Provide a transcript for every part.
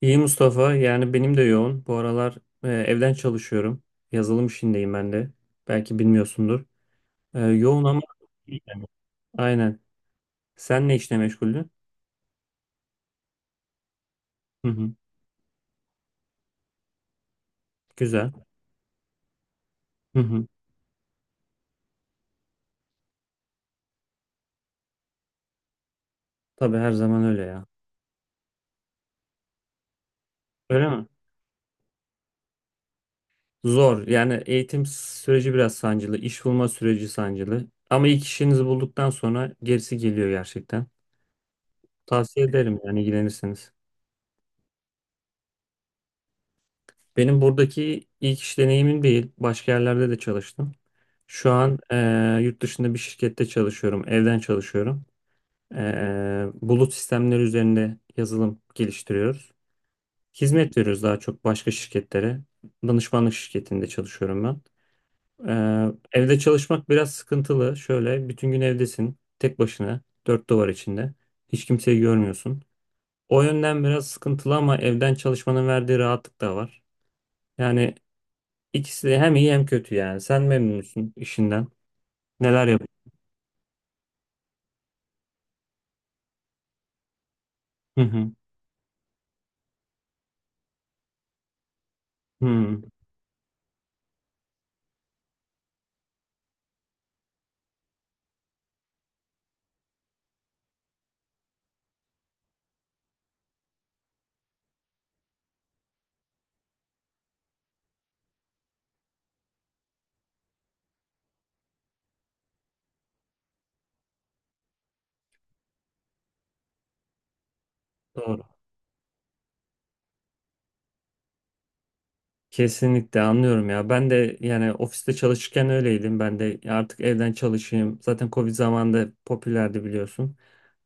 İyi Mustafa. Yani benim de yoğun. Bu aralar evden çalışıyorum. Yazılım işindeyim ben de. Belki bilmiyorsundur. Yoğun ama İyi yani. Aynen. Sen ne işle meşguldün? Hı hı. Güzel. Hı hı. Tabii her zaman öyle ya. Öyle mi? Zor. Yani eğitim süreci biraz sancılı. İş bulma süreci sancılı. Ama ilk işinizi bulduktan sonra gerisi geliyor gerçekten. Tavsiye ederim yani ilgilenirseniz. Benim buradaki ilk iş deneyimim değil. Başka yerlerde de çalıştım. Şu an yurt dışında bir şirkette çalışıyorum. Evden çalışıyorum. Bulut sistemleri üzerinde yazılım geliştiriyoruz. Hizmet veriyoruz daha çok başka şirketlere. Danışmanlık şirketinde çalışıyorum ben. Evde çalışmak biraz sıkıntılı. Şöyle bütün gün evdesin. Tek başına. Dört duvar içinde. Hiç kimseyi görmüyorsun. O yönden biraz sıkıntılı ama evden çalışmanın verdiği rahatlık da var. Yani İkisi de hem iyi hem kötü yani. Sen memnun musun işinden? Neler yapıyorsun? Hı hı. Hı. Doğru. Kesinlikle anlıyorum ya. Ben de yani ofiste çalışırken öyleydim. Ben de artık evden çalışayım. Zaten Covid zamanında popülerdi biliyorsun.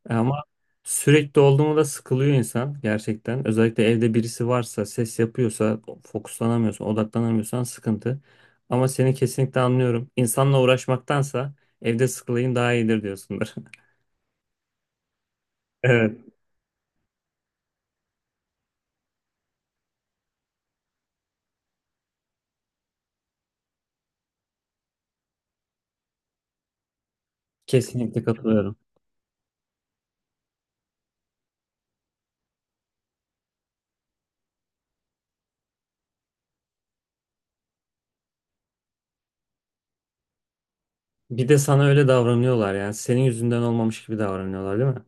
Ama sürekli olduğunda da sıkılıyor insan gerçekten. Özellikle evde birisi varsa, ses yapıyorsa, fokuslanamıyorsan, odaklanamıyorsan sıkıntı. Ama seni kesinlikle anlıyorum. İnsanla uğraşmaktansa evde sıkılayım daha iyidir diyorsundur. Evet, kesinlikle katılıyorum. Bir de sana öyle davranıyorlar yani. Senin yüzünden olmamış gibi davranıyorlar değil mi?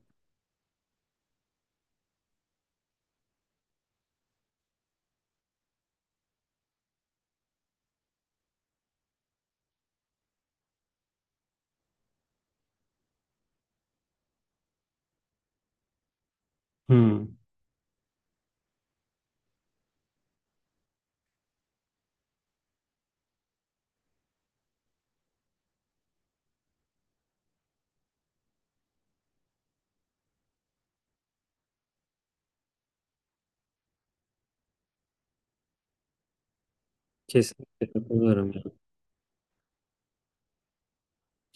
Hmm. Kesinlikle katılıyorum. Ya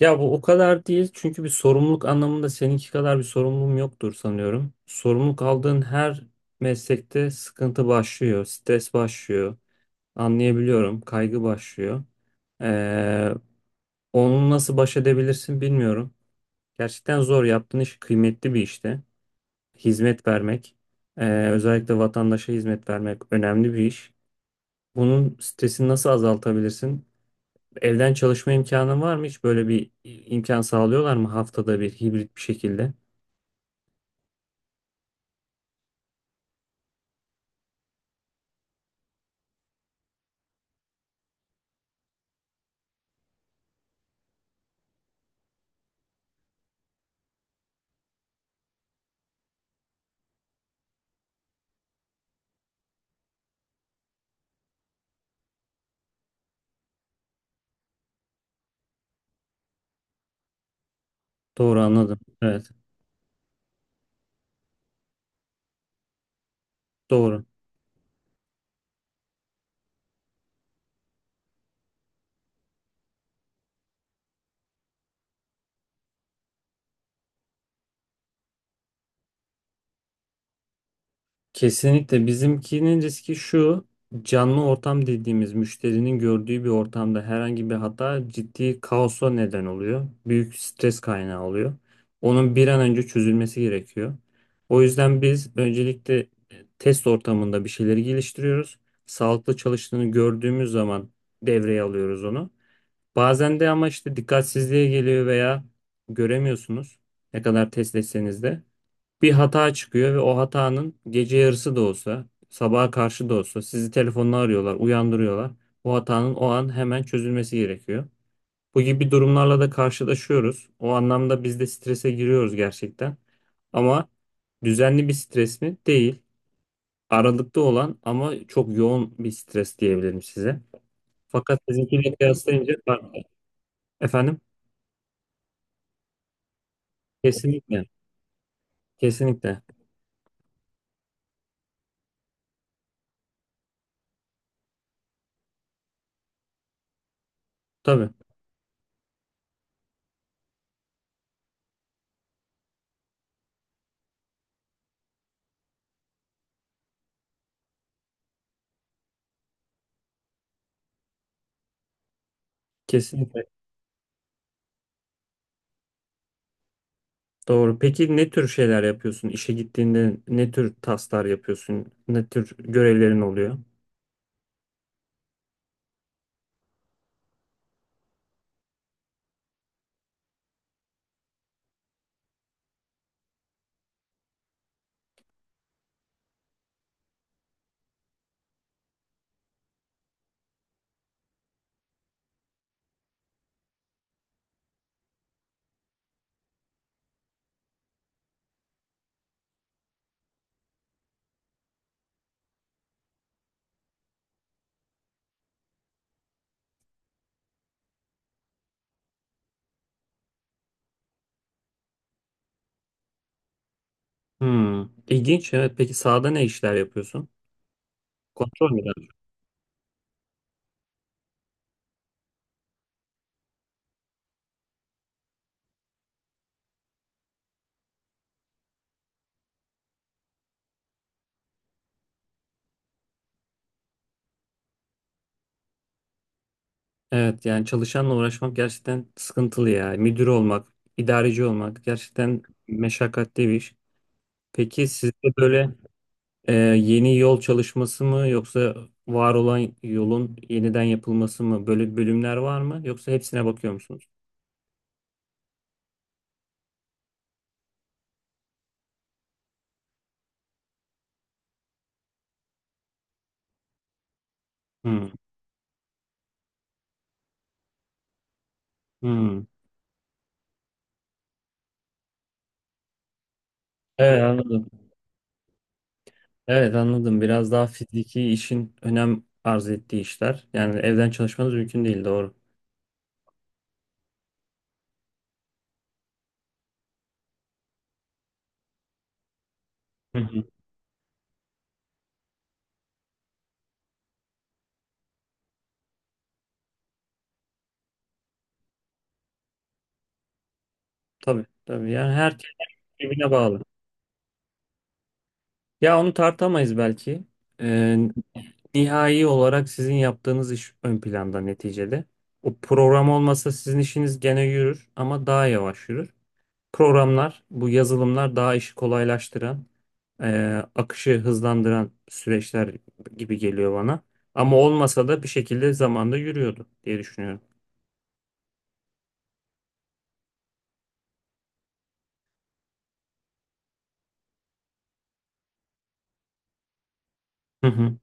Ya bu o kadar değil çünkü bir sorumluluk anlamında seninki kadar bir sorumluluğum yoktur sanıyorum. Sorumluluk aldığın her meslekte sıkıntı başlıyor, stres başlıyor, anlayabiliyorum, kaygı başlıyor. Ee, onu nasıl baş edebilirsin bilmiyorum. Gerçekten zor. Yaptığın iş kıymetli bir işte. Hizmet vermek, özellikle vatandaşa hizmet vermek önemli bir iş. Bunun stresini nasıl azaltabilirsin? Evden çalışma imkanın var mı? Hiç böyle bir imkan sağlıyorlar mı haftada bir hibrit bir şekilde? Doğru anladım. Evet, doğru. Kesinlikle bizimkinin riski şu: canlı ortam dediğimiz müşterinin gördüğü bir ortamda herhangi bir hata ciddi kaosa neden oluyor. Büyük stres kaynağı oluyor. Onun bir an önce çözülmesi gerekiyor. O yüzden biz öncelikle test ortamında bir şeyleri geliştiriyoruz. Sağlıklı çalıştığını gördüğümüz zaman devreye alıyoruz onu. Bazen de ama işte dikkatsizliğe geliyor veya göremiyorsunuz ne kadar test etseniz de bir hata çıkıyor ve o hatanın gece yarısı da olsa, sabaha karşı da olsa sizi telefonla arıyorlar, uyandırıyorlar. Bu hatanın o an hemen çözülmesi gerekiyor. Bu gibi durumlarla da karşılaşıyoruz. O anlamda biz de strese giriyoruz gerçekten. Ama düzenli bir stres mi? Değil. Aralıkta olan ama çok yoğun bir stres diyebilirim size. Fakat sizinkiyle kıyaslayınca farklı. Efendim? Kesinlikle. Kesinlikle. Tabii. Kesinlikle. Doğru. Peki ne tür şeyler yapıyorsun? İşe gittiğinde ne tür tasklar yapıyorsun? Ne tür görevlerin oluyor? Hmm. İlginç. Evet. Peki sahada ne işler yapıyorsun? Kontrol mü? Evet. Yani çalışanla uğraşmak gerçekten sıkıntılı ya. Müdür olmak, idareci olmak gerçekten meşakkatli bir iş. Peki sizde böyle yeni yol çalışması mı yoksa var olan yolun yeniden yapılması mı? Böyle bölümler var mı? Yoksa hepsine bakıyor musunuz? Hmm. Hmm. Evet anladım. Evet anladım. Biraz daha fiziki işin önem arz ettiği işler. Yani evden çalışmanız mümkün değil doğru. Hı hı. Tabii tabii. Yani herkes birbirine bağlı. Ya onu tartamayız belki. Ee, nihai olarak sizin yaptığınız iş ön planda neticede. O program olmasa sizin işiniz gene yürür ama daha yavaş yürür. Programlar, bu yazılımlar daha işi kolaylaştıran, e, akışı hızlandıran süreçler gibi geliyor bana. Ama olmasa da bir şekilde zamanda yürüyordu diye düşünüyorum. Hı hı.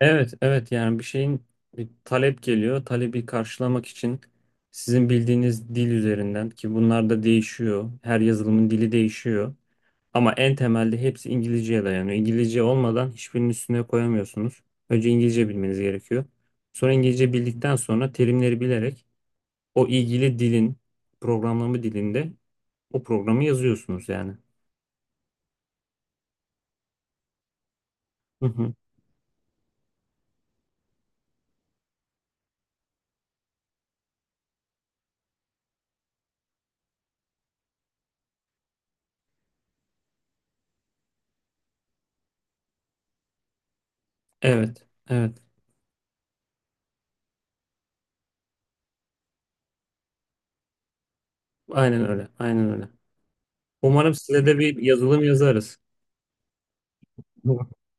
Evet, evet yani bir şeyin bir talep geliyor. Talebi karşılamak için sizin bildiğiniz dil üzerinden ki bunlar da değişiyor. Her yazılımın dili değişiyor. Ama en temelde hepsi İngilizceye dayanıyor. İngilizce olmadan hiçbirinin üstüne koyamıyorsunuz. Önce İngilizce bilmeniz gerekiyor. Sonra İngilizce bildikten sonra terimleri bilerek o ilgili dilin programlama dilinde o programı yazıyorsunuz yani. Hı hı. Evet, evet. Aynen öyle, aynen öyle. Umarım size de bir yazılım yazarız.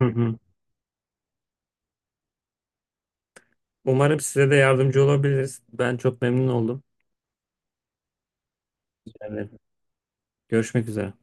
Hı hı. Umarım size de yardımcı olabiliriz. Ben çok memnun oldum. Evet. Görüşmek üzere.